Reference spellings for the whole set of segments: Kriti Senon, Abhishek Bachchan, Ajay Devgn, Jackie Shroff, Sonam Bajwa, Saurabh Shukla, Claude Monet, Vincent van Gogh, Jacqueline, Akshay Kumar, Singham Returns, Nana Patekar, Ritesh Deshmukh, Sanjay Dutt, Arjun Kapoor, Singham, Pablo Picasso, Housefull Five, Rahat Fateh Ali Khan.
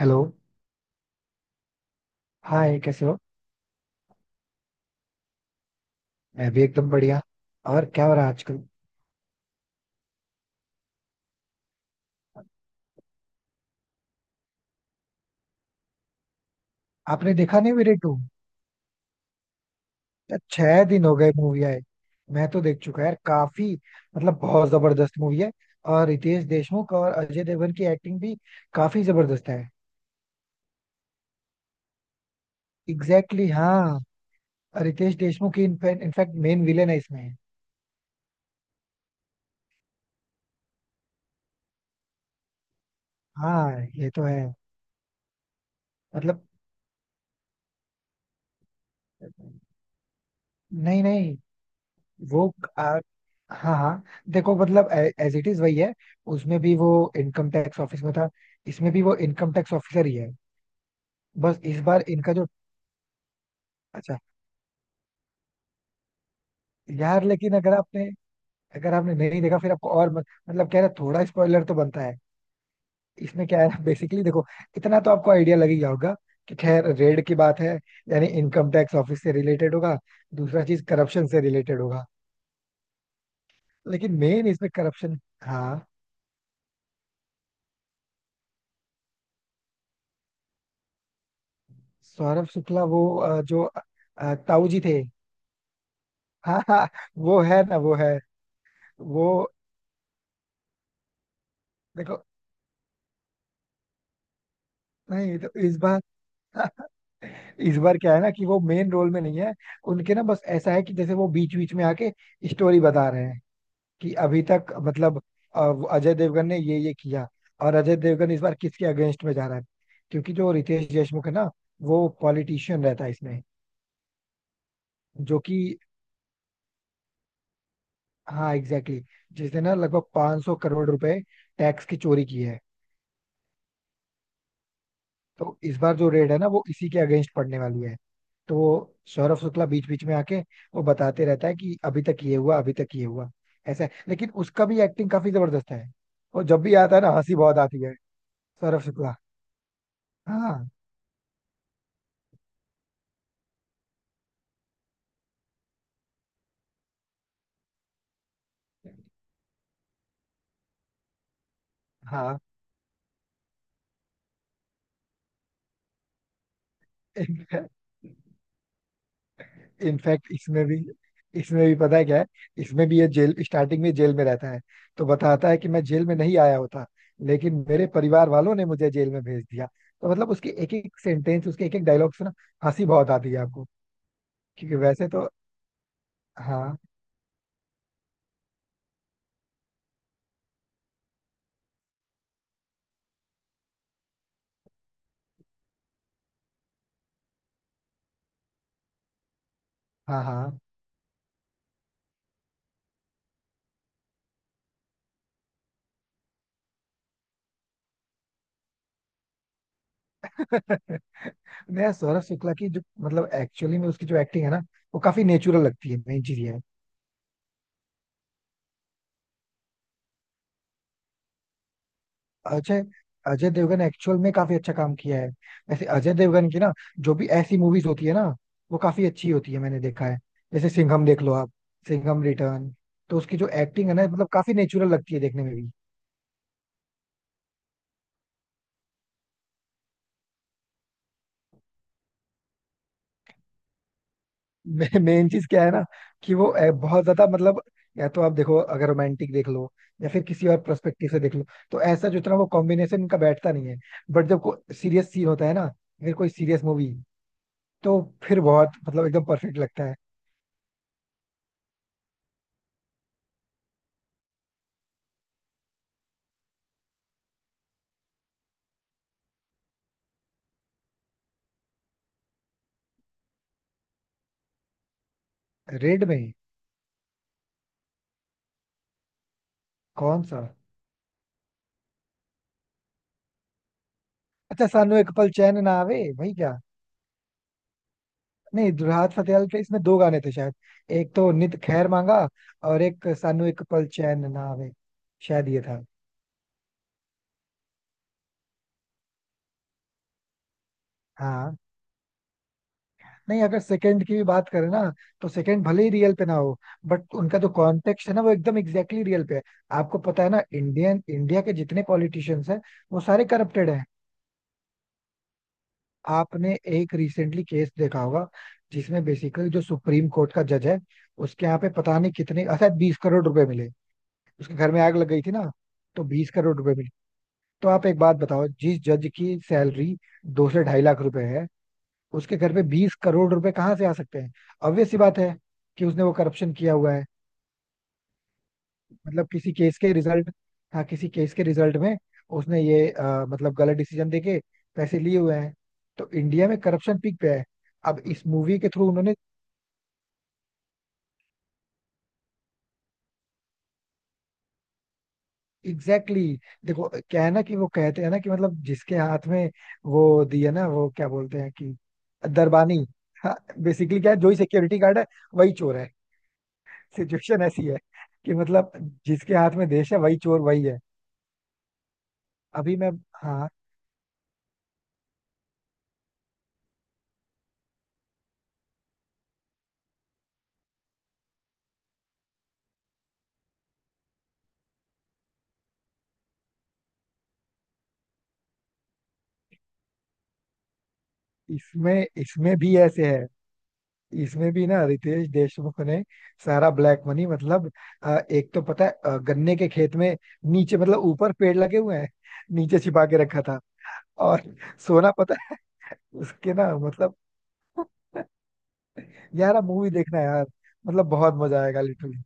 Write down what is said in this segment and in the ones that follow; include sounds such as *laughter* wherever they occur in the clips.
Hello. Hi, कैसे हो। मैं भी एकदम बढ़िया। और क्या हो रहा है आजकल। आपने देखा नहीं मेरे टू। 6 दिन हो गए मूवी आए। मैं तो देख चुका यार काफी। मतलब बहुत जबरदस्त मूवी है। और रितेश देशमुख और अजय देवगन की एक्टिंग भी काफी जबरदस्त है। एग्जैक्टली exactly, हाँ। और रितेश देशमुख की इनफैक्ट मेन विलेन है इसमें। हाँ, ये तो है। मतलब, नहीं, नहीं। वो आ, हाँ, हाँ। देखो, मतलब, एज इट इज वही है। उसमें भी वो इनकम टैक्स ऑफिस में था। इसमें भी वो इनकम टैक्स ऑफिसर ही है। बस इस बार इनका जो। अच्छा। यार लेकिन अगर आपने नहीं देखा फिर आपको और मतलब कह रहा थोड़ा स्पॉइलर तो बनता है। इसमें क्या है बेसिकली, देखो। इतना तो आपको आइडिया लग ही गया होगा कि खैर रेड की बात है। यानी इनकम टैक्स ऑफिस से रिलेटेड होगा। दूसरा चीज करप्शन से रिलेटेड होगा। लेकिन मेन इसमें करप्शन। हाँ। सौरभ शुक्ला वो जो ताऊ जी थे। हाँ, हाँ। वो है ना, वो है। वो, देखो, नहीं। तो इस बार *laughs* इस बार क्या है ना कि वो मेन रोल में नहीं है। उनके ना बस ऐसा है कि जैसे वो बीच बीच में आके स्टोरी बता रहे हैं कि अभी तक मतलब वो अजय देवगन ने ये किया। और अजय देवगन इस बार किसके अगेंस्ट में जा रहा है। क्योंकि जो रितेश देशमुख है ना, वो पॉलिटिशियन रहता है इसमें। जो कि, हाँ, एग्जैक्टली exactly, जिसने ना लगभग 500 करोड़ रुपए टैक्स की चोरी की है। तो इस बार जो रेड है ना, वो इसी के अगेंस्ट पड़ने वाली है। तो वो सौरभ शुक्ला बीच बीच में आके वो बताते रहता है कि अभी तक ये हुआ, अभी तक ये हुआ ऐसा है। लेकिन उसका भी एक्टिंग काफी जबरदस्त है। वो जब भी आता है ना, हंसी बहुत आती है। सौरभ शुक्ला, हाँ, हाँ। इनफैक्ट इसमें भी, पता है क्या है। इसमें भी ये जेल, स्टार्टिंग में जेल में रहता है। तो बताता है कि मैं जेल में नहीं आया होता, लेकिन मेरे परिवार वालों ने मुझे जेल में भेज दिया। तो मतलब उसके एक एक सेंटेंस, उसके एक एक डायलॉग से ना हंसी बहुत आती है आपको। क्योंकि वैसे तो, हाँ, हाँ, हाँ। *laughs* नया सौरभ शुक्ला की जो मतलब एक्चुअली में उसकी जो एक्टिंग है ना, वो काफी नेचुरल लगती है। मेन चीज ये है। अजय अजय देवगन एक्चुअल में काफी अच्छा काम किया है। वैसे अजय देवगन की ना जो भी ऐसी मूवीज होती है ना, वो काफी अच्छी होती है, मैंने देखा है। जैसे सिंघम देख लो आप, सिंघम रिटर्न। तो उसकी जो एक्टिंग है ना मतलब काफी नेचुरल लगती है देखने में भी। मेन चीज क्या है ना कि वो बहुत ज्यादा मतलब, या तो आप देखो अगर रोमांटिक देख लो या फिर किसी और पर्सपेक्टिव से देख लो, तो ऐसा जितना वो कॉम्बिनेशन इनका बैठता नहीं है। बट जब कोई सीरियस सीन होता है ना, फिर कोई सीरियस मूवी, तो फिर बहुत मतलब एकदम परफेक्ट लगता है। रेड में? कौन सा? अच्छा, सानू एक पल चैन ना आवे। भाई क्या। नहीं, राहत फतेह अली के इसमें दो गाने थे शायद। एक तो नित खैर मांगा, और एक सानू एक पल चैन ना आवे। शायद ये था। हाँ। नहीं, अगर सेकंड की भी बात करें ना, तो सेकंड भले ही रियल पे ना हो, बट उनका जो कॉन्टेक्स्ट है ना, वो एकदम एग्जैक्टली रियल पे है। आपको पता है ना इंडियन इंडिया के जितने पॉलिटिशियंस हैं, वो सारे करप्टेड हैं। आपने एक रिसेंटली केस देखा होगा, जिसमें बेसिकली जो सुप्रीम कोर्ट का जज है, उसके यहाँ पे पता नहीं कितने, अच्छा 20 करोड़ रुपए मिले। उसके घर में आग लग गई थी ना, तो 20 करोड़ रुपए मिले। तो आप एक बात बताओ, जिस जज की सैलरी 2 से ढाई लाख रुपए है, उसके घर पे 20 करोड़ रुपए कहाँ से आ सकते हैं। ऑब्वियस सी बात है कि उसने वो करप्शन किया हुआ है। मतलब किसी केस के रिजल्ट, हाँ, किसी केस के रिजल्ट में उसने ये मतलब गलत डिसीजन देके पैसे लिए हुए हैं। तो इंडिया में करप्शन पीक पे है। अब इस मूवी के थ्रू उन्होंने, एग्जैक्टली exactly, देखो क्या है ना कि वो कहते हैं ना कि मतलब जिसके हाथ में वो दिया ना, वो क्या बोलते हैं कि दरबानी। बेसिकली क्या है, जो ही सिक्योरिटी गार्ड है वही चोर है। सिचुएशन ऐसी है कि मतलब जिसके हाथ में देश है, वही चोर, वही है। अभी मैं, हाँ, इसमें इसमें भी ऐसे है। इसमें भी ना रितेश देशमुख ने सारा ब्लैक मनी मतलब एक तो पता है गन्ने के खेत में नीचे, मतलब ऊपर पेड़ लगे हुए हैं, नीचे छिपा के रखा था। और सोना पता है उसके ना, मतलब *laughs* यार मूवी देखना है यार, मतलब बहुत मजा आएगा लिटरली।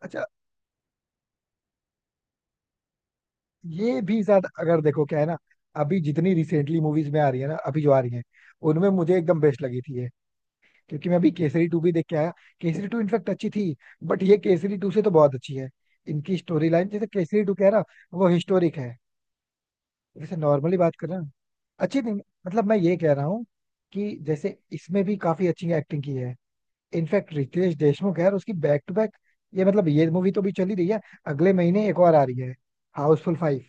अच्छा, ये भी साथ अगर देखो क्या है ना, अभी जितनी रिसेंटली मूवीज में आ रही है ना, अभी जो आ रही है उनमें मुझे एकदम बेस्ट लगी थी ये। क्योंकि मैं अभी केसरी टू भी देख के आया। केसरी टू इनफेक्ट अच्छी थी, बट ये केसरी टू से तो बहुत अच्छी है। इनकी स्टोरी लाइन, जैसे केसरी टू कह रहा, वो हिस्टोरिक है। जैसे नॉर्मली बात कर रहे हैं, अच्छी नहीं, मतलब मैं ये कह रहा हूँ कि जैसे इसमें भी काफी अच्छी एक्टिंग की है। इनफैक्ट रितेश देशमुख है और उसकी बैक टू बैक, ये मतलब ये मूवी तो भी चली रही है, अगले महीने एक और आ रही है, हाउसफुल फाइव।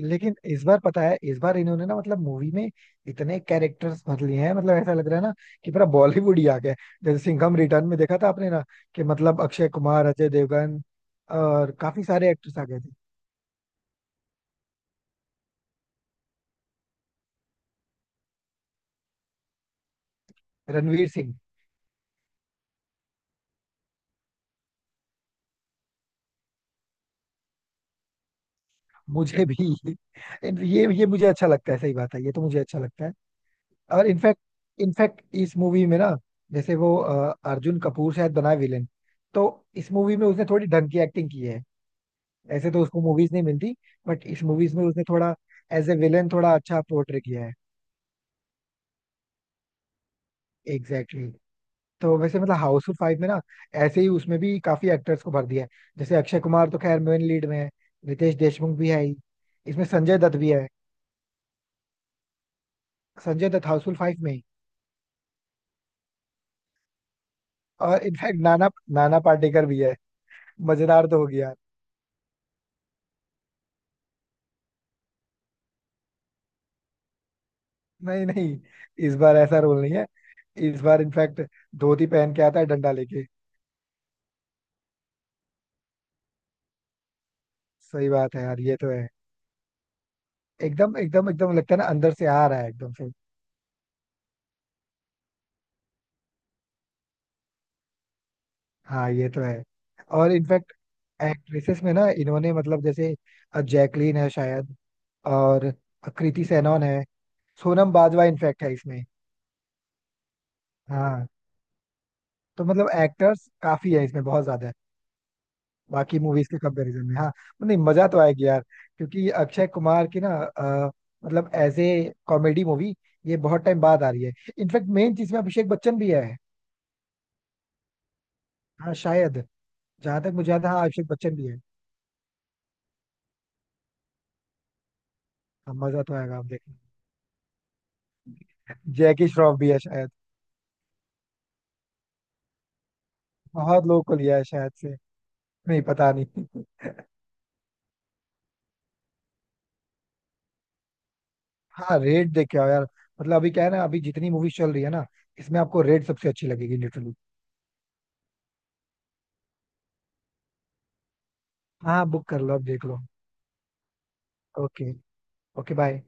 लेकिन इस बार पता है, इस बार इन्होंने ना मतलब मूवी में इतने कैरेक्टर्स भर लिए हैं, मतलब ऐसा लग रहा है ना कि पूरा बॉलीवुड ही आ गया है। जैसे सिंघम रिटर्न में देखा था आपने ना कि मतलब अक्षय कुमार, अजय देवगन, और काफी सारे एक्टर्स आ गए थे। रणवीर सिंह। मुझे भी *laughs* ये मुझे अच्छा लगता है। सही बात है, ये तो मुझे अच्छा लगता है। और इनफैक्ट, इस मूवी में ना जैसे वो अर्जुन कपूर शायद बना विलेन, तो इस मूवी में उसने थोड़ी ढंग की एक्टिंग की है। ऐसे तो उसको मूवीज नहीं मिलती, बट इस मूवीज में उसने थोड़ा एज ए विलेन थोड़ा अच्छा पोर्ट्रे किया है। Exactly exactly. तो वैसे मतलब हाउसफुल फाइव में ना ऐसे ही उसमें भी काफी एक्टर्स को भर दिया है। जैसे अक्षय कुमार तो खैर मेन लीड में है, रितेश देशमुख भी है ही, इसमें संजय दत्त भी है। संजय दत्त हाउसफुल फाइव में ही। और इनफैक्ट नाना नाना पाटेकर भी है। मजेदार तो हो गया। नहीं, नहीं, इस बार ऐसा रोल नहीं है। इस बार इनफैक्ट धोती पहन के आता है, डंडा लेके। सही बात है यार, ये तो है। एकदम, एकदम, एकदम लगता है ना, अंदर से आ रहा है एकदम से। हाँ, ये तो है। और इनफैक्ट एक्ट्रेसेस में ना इन्होंने मतलब, जैसे जैकलीन है शायद, और कृति सेनन है, सोनम बाजवा इनफैक्ट है इसमें। हाँ। तो मतलब एक्टर्स काफी है इसमें, बहुत ज्यादा है, बाकी मूवीज के कंपैरिजन में। हाँ, नहीं, मजा तो आएगी यार। क्योंकि अक्षय कुमार की ना, मतलब एज ए कॉमेडी मूवी ये बहुत टाइम बाद आ रही है। इनफैक्ट मेन चीज में अभिषेक बच्चन भी है, हाँ शायद। जहां तक मुझे याद है, हाँ, अभिषेक बच्चन भी है। हाँ, मजा तो आएगा, आप देखना। जैकी श्रॉफ भी है शायद, बहुत लोकल लिया है शायद से। नहीं, पता नहीं। हाँ, रेट देख के आओ यार, मतलब अभी क्या है ना, अभी जितनी मूवी चल रही है ना, इसमें आपको रेट सबसे अच्छी लगेगी लिटरली। हाँ, बुक कर लो, अब देख लो। ओके। Okay, bye.